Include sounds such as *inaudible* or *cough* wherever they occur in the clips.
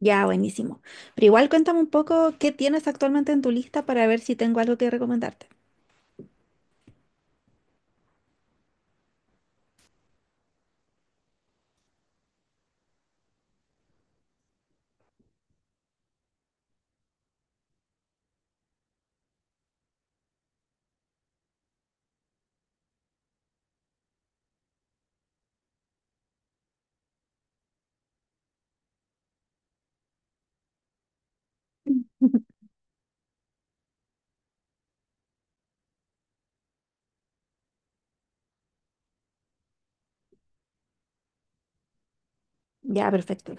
Ya, buenísimo. Pero igual cuéntame un poco qué tienes actualmente en tu lista para ver si tengo algo que recomendarte. Ya, perfecto.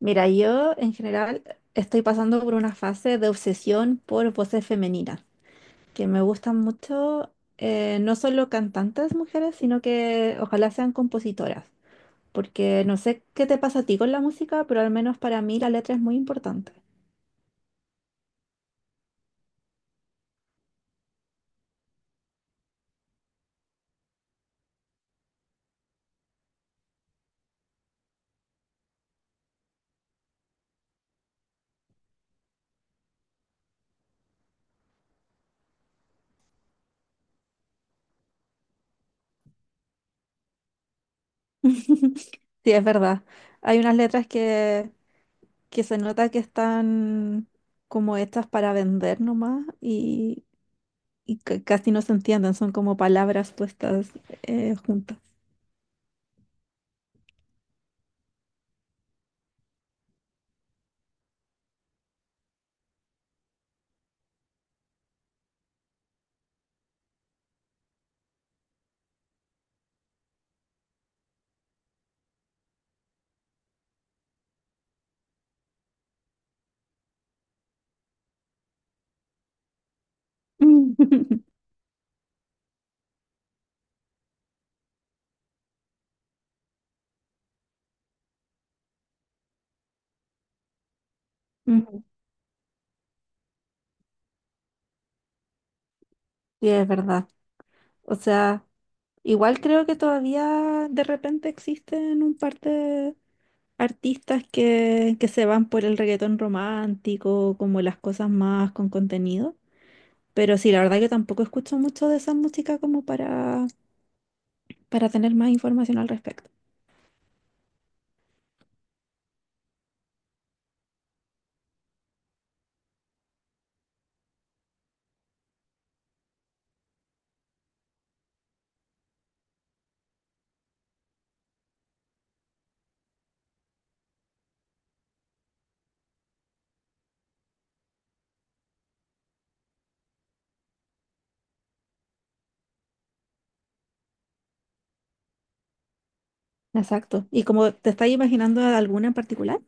Mira, yo en general estoy pasando por una fase de obsesión por voces femeninas, que me gustan mucho, no solo cantantes mujeres, sino que ojalá sean compositoras, porque no sé qué te pasa a ti con la música, pero al menos para mí la letra es muy importante. Sí, es verdad. Hay unas letras que se nota que están como hechas para vender nomás y casi no se entienden, son como palabras puestas juntas. *laughs* Ujú. Sí, es verdad. O sea, igual creo que todavía de repente existen un par de artistas que se van por el reggaetón romántico, como las cosas más con contenido. Pero sí, la verdad que tampoco escucho mucho de esa música como para tener más información al respecto. Exacto. ¿Y como te estás imaginando alguna en particular?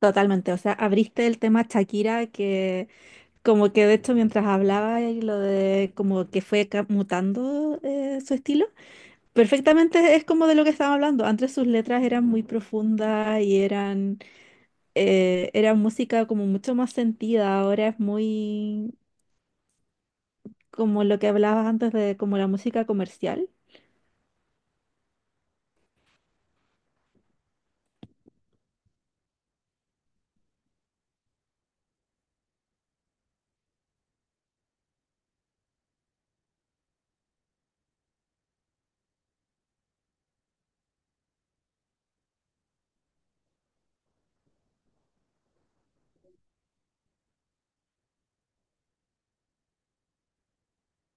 Totalmente. O sea, abriste el tema Shakira, que como que de hecho mientras hablaba y lo de como que fue mutando su estilo, perfectamente es como de lo que estaba hablando. Antes sus letras eran muy profundas y era música como mucho más sentida. Ahora es muy como lo que hablabas antes de como la música comercial.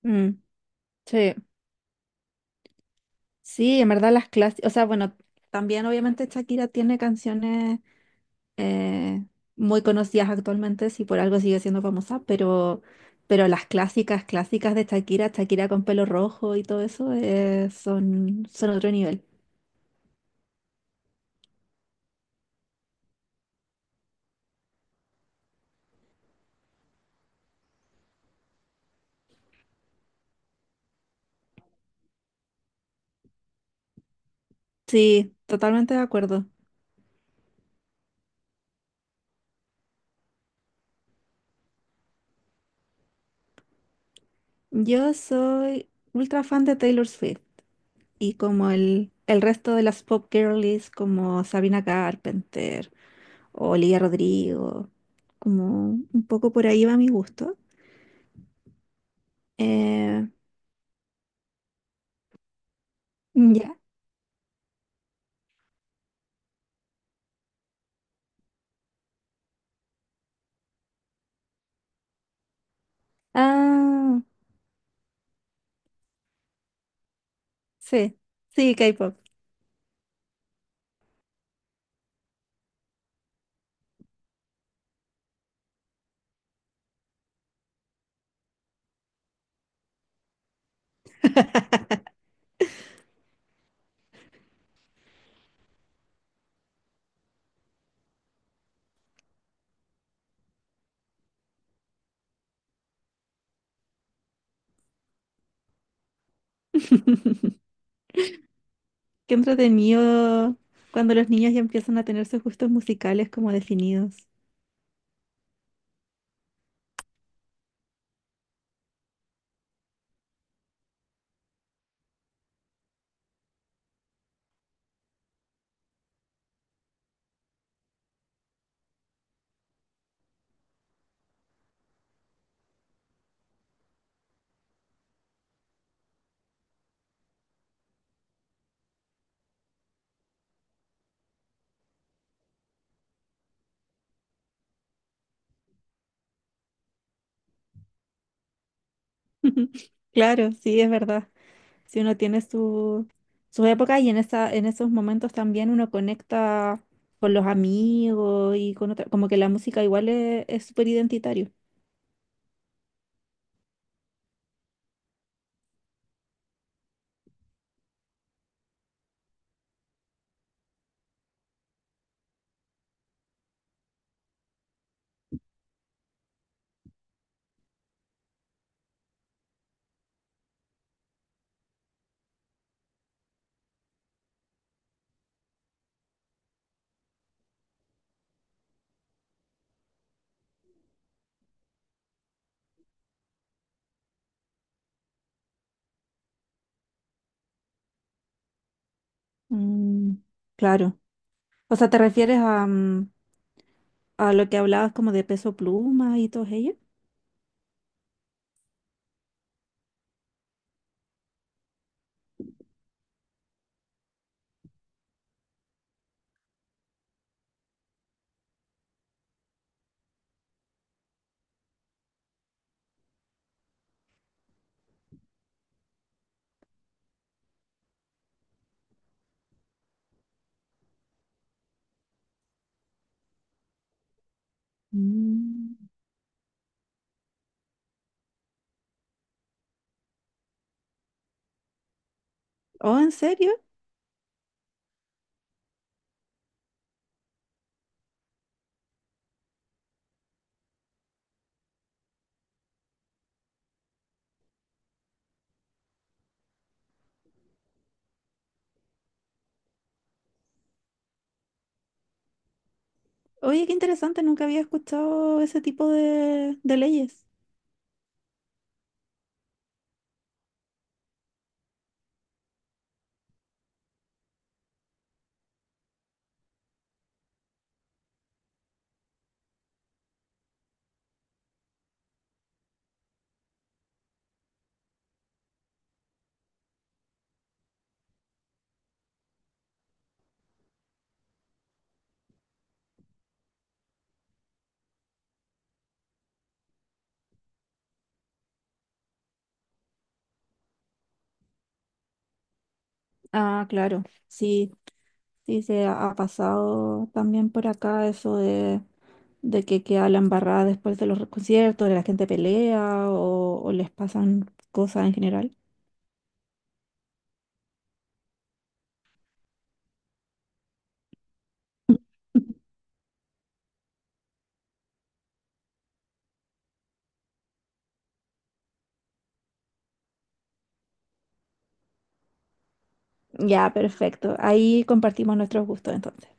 Mm, sí, sí, en verdad las clases, o sea, bueno, también obviamente Shakira tiene canciones eh, muy conocidas actualmente, si por algo sigue siendo famosa, pero las clásicas, clásicas de Shakira, Shakira con pelo rojo y todo eso, son, son otro nivel. Sí, totalmente de acuerdo. Yo soy ultra fan de Taylor Swift. Y como el resto de las pop girlies como Sabina Carpenter o Olivia Rodrigo, como un poco por ahí va mi gusto. Eh, ya. Ah, sí, sí, K-pop. *laughs* Qué entretenido cuando los niños ya empiezan a tener sus gustos musicales como definidos. *laughs* Claro, sí, es verdad. Si uno tiene su época y en esa, en esos momentos también uno conecta con los amigos y con otra, como que la música igual es súper identitario. Mm, claro. O sea, ¿te refieres a, a lo que hablabas como de Peso Pluma y todos ellos? Mm. Oh, ¿en serio? Oye, qué interesante, nunca había escuchado ese tipo de leyes. Ah, claro, sí, sí se ha pasado también por acá eso de que queda la embarrada después de los conciertos, de la gente pelea o les pasan cosas en general. *laughs* Ya, perfecto. Ahí compartimos nuestros gustos entonces.